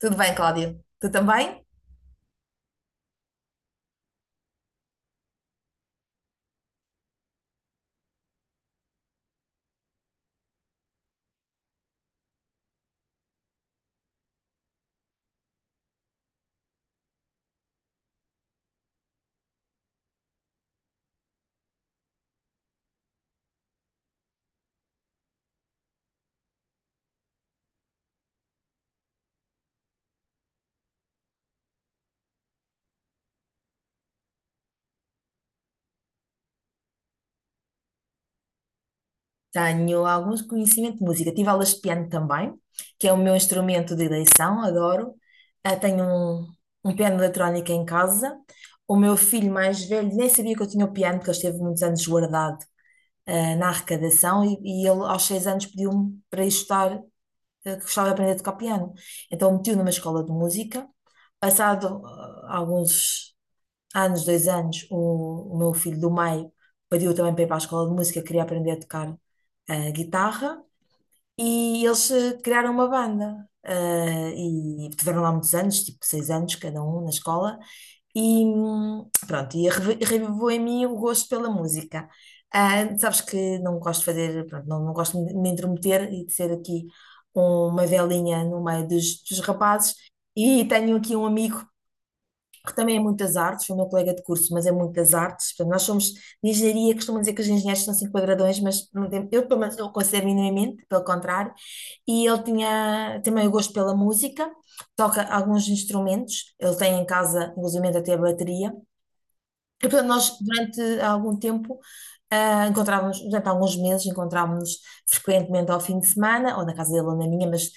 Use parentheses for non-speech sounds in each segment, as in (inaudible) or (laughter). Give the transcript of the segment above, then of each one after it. Tudo bem, Cláudia? Tu também? Tenho alguns conhecimentos de música. Tive aulas de piano também, que é o meu instrumento de eleição, adoro. Tenho um piano eletrónico em casa. O meu filho mais velho nem sabia que eu tinha o piano, porque ele esteve muitos anos guardado, na arrecadação, e ele aos 6 anos pediu-me para ir estudar, que gostava de aprender a tocar piano. Então meti-o numa escola de música. Passado alguns há nos 2 anos, o meu filho do meio pediu também para ir para a escola de música, queria aprender a tocar guitarra, e eles criaram uma banda. E tiveram lá muitos anos, tipo 6 anos cada um na escola, e pronto, e revivou em mim o gosto pela música. Sabes que não gosto de fazer, pronto, não gosto de me intrometer e de ser aqui uma velinha no meio dos rapazes. E tenho aqui um amigo porque também é muitas artes, foi o meu colega de curso, mas é muitas artes. Portanto, nós somos de engenharia, costumam dizer que os engenheiros são cinco quadradões, mas não tem, eu pelo menos não o considero minimamente, pelo contrário. E ele tinha também o gosto pela música, toca alguns instrumentos, ele tem em casa, inclusive até a bateria, e, portanto, nós durante algum tempo, encontrávamos, durante alguns meses, encontrávamos frequentemente ao fim de semana, ou na casa dele ou na minha, mas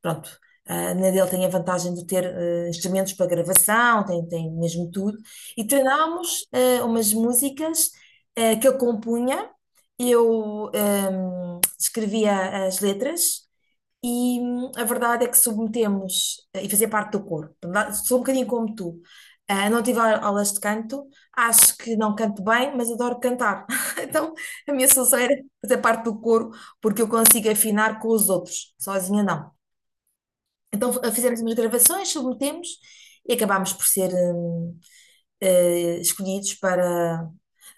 pronto, na dele tem a vantagem de ter instrumentos para gravação, tem mesmo tudo, e treinámos umas músicas que ele compunha, eu escrevia as letras, e a verdade é que submetemos e fazia parte do coro. Portanto, sou um bocadinho como tu. Não tive aulas de canto, acho que não canto bem, mas adoro cantar. (laughs) Então, a minha solução era fazer parte do coro, porque eu consigo afinar com os outros, sozinha não. Então, fizemos umas gravações, submetemos e acabámos por ser escolhidos para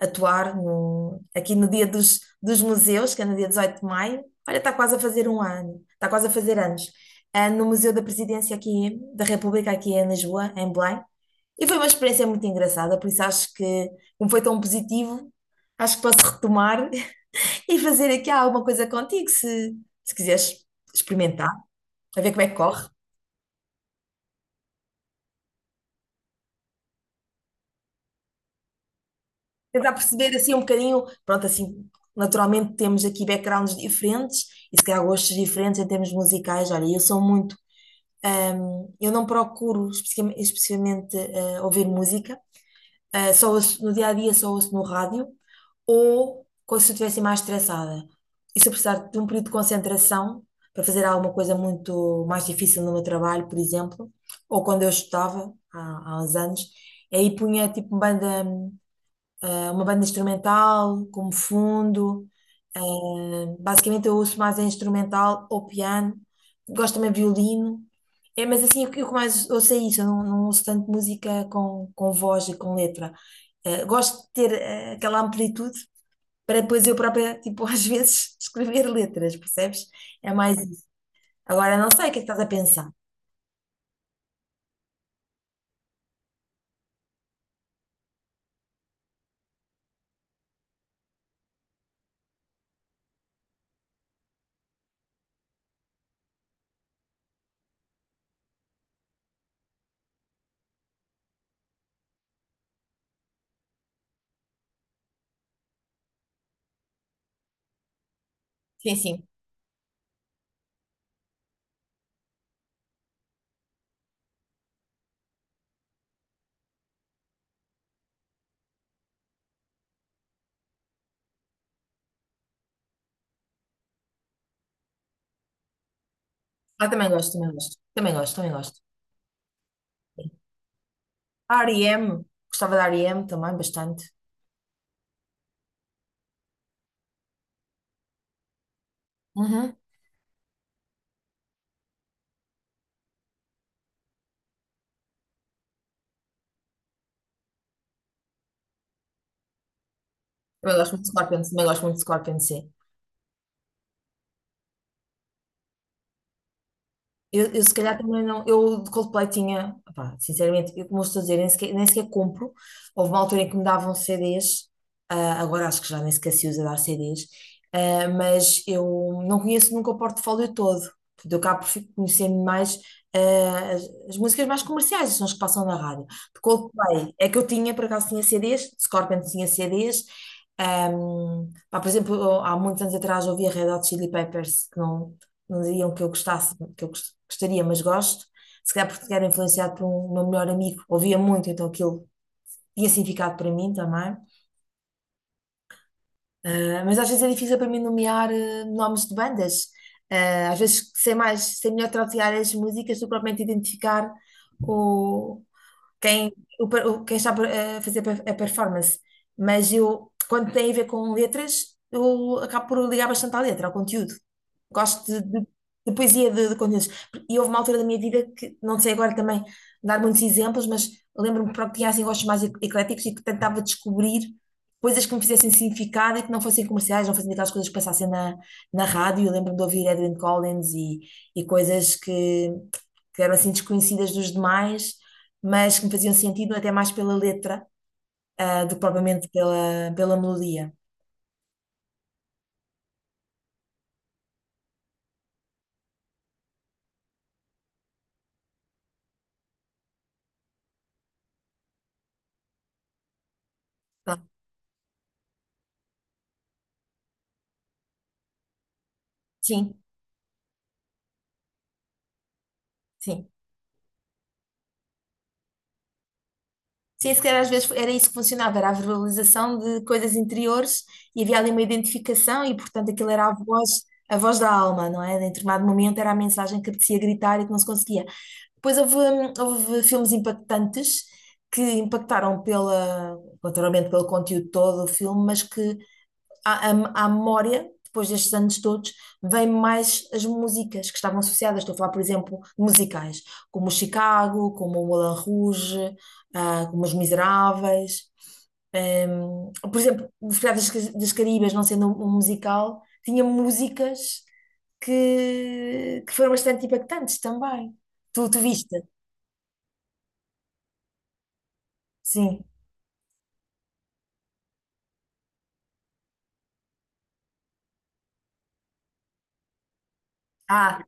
atuar aqui no Dia dos Museus, que é no dia 18 de maio. Olha, está quase a fazer um ano, está quase a fazer anos. No Museu da Presidência aqui da República, aqui em Lisboa, em Belém. E foi uma experiência muito engraçada, por isso acho que, como foi tão positivo, acho que posso retomar (laughs) e fazer aqui alguma coisa contigo, se quiseres experimentar, a ver como é que corre. Tentar perceber assim um bocadinho, pronto, assim, naturalmente temos aqui backgrounds diferentes e se calhar gostos diferentes em termos musicais. Olha, eu sou muito, eu não procuro especificamente, especificamente, ouvir música, só no dia a dia só ouço no rádio ou quando se eu estivesse mais estressada. E se eu precisar de um período de concentração para fazer alguma coisa muito mais difícil no meu trabalho, por exemplo, ou quando eu estudava há uns anos, aí punha tipo banda é uma banda instrumental, como fundo. Basicamente eu ouço mais é instrumental ou piano. Gosto também de violino. É, mas assim, o que mais ouço é isso. Eu não ouço tanto música com voz e com letra. Gosto de ter aquela amplitude para depois eu própria, tipo, (laughs) às vezes escrever letras, percebes? É mais isso. Agora, não sei o que é que estás a pensar. Sim, sim. Também gosto, também gosto. Também gosto, também gosto. Sim. A R E M Gostava da REM também, bastante. Uhum. Também gosto muito de Scorpion, também gosto muito de Scorpion, sim. Eu se calhar também não. Eu de Coldplay tinha, pá, sinceramente, eu, como eu estou a dizer, nem sequer compro. Houve uma altura em que me davam CDs, agora acho que já nem sequer se usa dar CDs, mas eu não conheço nunca o portfólio todo. Portanto, eu cá por conhecer mais ah, as, as músicas mais comerciais, são as que passam na rádio. De Coldplay é que eu tinha, por acaso tinha CDs, de Scorpions tinha CDs. ah, Pá, por exemplo, eu, há muitos anos atrás ouvia Red Hot Chili Peppers, que não diriam que eu gostasse, que eu gostaria, mas gosto. Se calhar porque era influenciado por um meu melhor amigo, ouvia muito, então aquilo tinha significado para mim também. Mas às vezes é difícil para mim nomear nomes de bandas. Às vezes sei mais, sei melhor traduziar as músicas do que propriamente identificar o, quem, o per- o- quem está a fazer a performance. Mas eu, quando tem a ver com letras, eu acabo por ligar bastante à letra, ao conteúdo. Gosto de poesia de conteúdos. E houve uma altura da minha vida que, não sei agora também dar muitos exemplos, mas lembro-me que pronto, tinha assim gostos mais ecléticos e que tentava descobrir coisas que me fizessem significado e que não fossem comerciais, não fossem aquelas coisas que passassem na rádio. Eu lembro-me de ouvir Edwyn Collins e coisas que eram assim desconhecidas dos demais, mas que me faziam sentido até mais pela letra, do que propriamente pela melodia. Tá. Sim, sim. Sim, se calhar às vezes era isso que funcionava, era a verbalização de coisas interiores e havia ali uma identificação e, portanto, aquilo era a voz da alma, não é? Em determinado momento era a mensagem que apetecia gritar e que não se conseguia. Depois houve filmes impactantes que impactaram naturalmente pelo conteúdo todo do filme, mas que à memória, depois destes anos todos, vêm mais as músicas que estavam associadas. Estou a falar, por exemplo, de musicais, como o Chicago, como o Moulin Rouge, como Os Miseráveis. Por exemplo, Os Piratas das Caribas, não sendo um musical, tinha músicas que foram bastante impactantes também. Tu viste? Sim. Ah,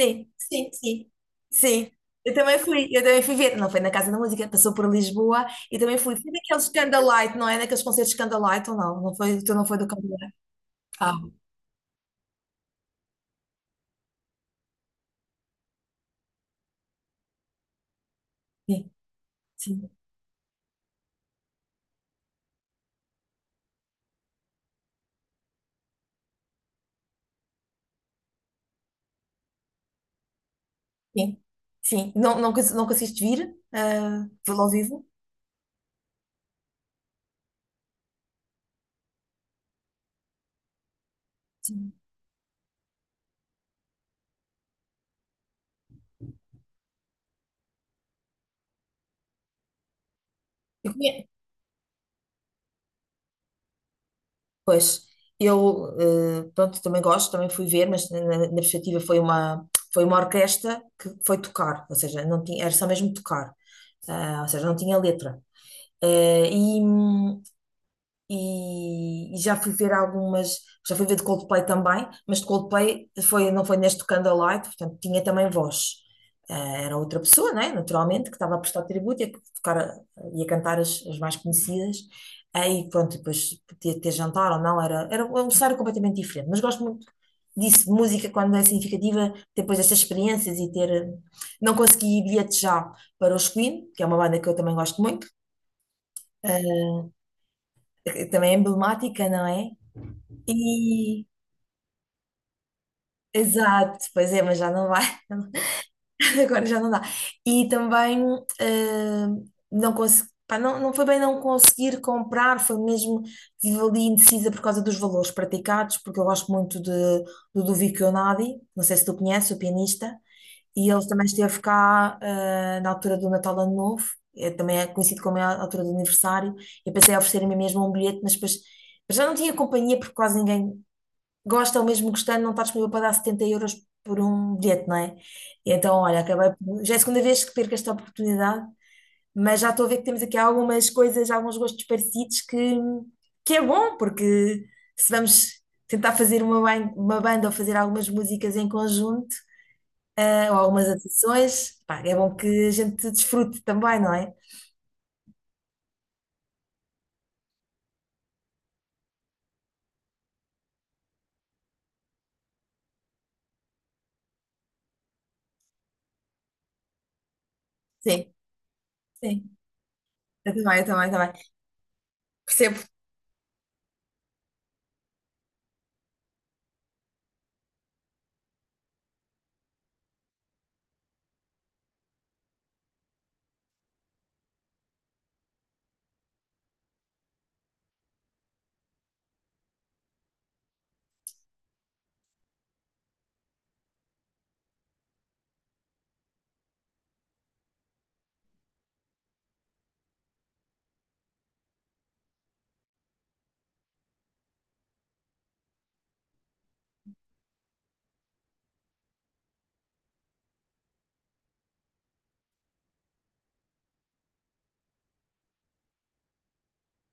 Sim, sim, sim. Sim. Eu também fui ver. Não foi na Casa da Música, passou por Lisboa e também fui. Foi daqueles Candlelight, não é? Naqueles concertos Candlelight ou não? Não foi, tu não foi do Candlelight? Ah, sim, sim, sim. Sim. Não, não, não conseguiste vir? Vê-lo ao vivo? Sim. Eu conhe- Pois, eu, pronto, também gosto, também fui ver, mas na perspectiva foi uma, orquestra que foi tocar, ou seja, não tinha, era só mesmo tocar, ou seja, não tinha letra. Eh, e, e já fui ver algumas, já fui ver de Coldplay também, mas de Coldplay foi, não foi neste Candlelight, portanto tinha também voz. Era outra pessoa, né? Naturalmente, que estava a prestar tributo e a tocar, e a cantar as mais conhecidas. Aí, pronto, depois podia ter jantar ou não, era um cenário completamente diferente. Mas gosto muito disso, de música, quando é significativa, depois destas experiências e ter. Não consegui bilhete já para os Queen, que é uma banda que eu também gosto muito, eh, que também é emblemática, não é? E, exato, pois é, mas já não vai, (laughs) agora já não dá. E também eh, não consegui, pá, não foi bem não conseguir comprar, foi mesmo, estive ali indecisa por causa dos valores praticados, porque eu gosto muito do Ludovico Einaudi, não sei se tu conheces, o pianista, e ele também esteve cá na altura do Natal Ano Novo, também é conhecido como é a altura do aniversário, e pensei em oferecer-me mesmo um bilhete, mas depois já não tinha companhia porque quase ninguém gosta ou mesmo gostando, não está disponível para dar 70 euros por um bilhete, não é? E então, olha, acabei por. Já é a segunda vez que perco esta oportunidade, mas já estou a ver que temos aqui algumas coisas, alguns gostos parecidos que é bom, porque se vamos tentar fazer uma banda ou fazer algumas músicas em conjunto, ou algumas atuações, pá, é bom que a gente desfrute também, não é? Sim, sim, eu também, eu também, eu também. Percebo.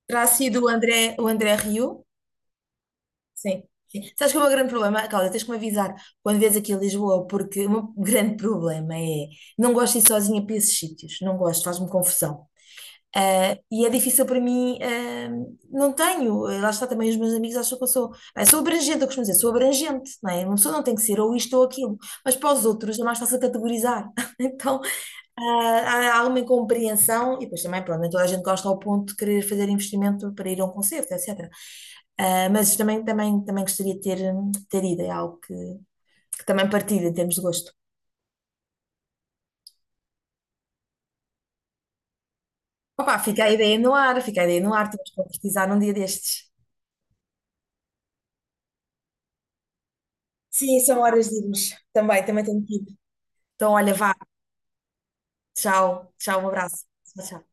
Terá sido o André Rieu. Sim, sim. Sabes que o meu grande problema, Cláudia, tens que me avisar quando vês aqui a Lisboa, porque o meu (laughs) grande problema é não gosto de ir sozinha para esses sítios, não gosto, faz-me confusão. E é difícil para mim, não tenho, lá está também os meus amigos acham que eu sou abrangente, eu costumo dizer, sou abrangente, não é? Uma pessoa não tem que ser ou isto ou aquilo, mas para os outros é mais fácil categorizar. (laughs) Então, há alguma incompreensão, e depois também, pronto, nem toda a gente gosta ao ponto de querer fazer investimento para ir a um concerto, etc. Mas também, também, também gostaria de ter ido, é algo que também partilho em termos de gosto. Opa, fica a ideia no ar, fica a ideia no ar, temos que concretizar num dia destes. Sim, são horas de irmos. Também tenho que ir. Então, olha, vá, tchau, tchau, um abraço. Tchau, tchau.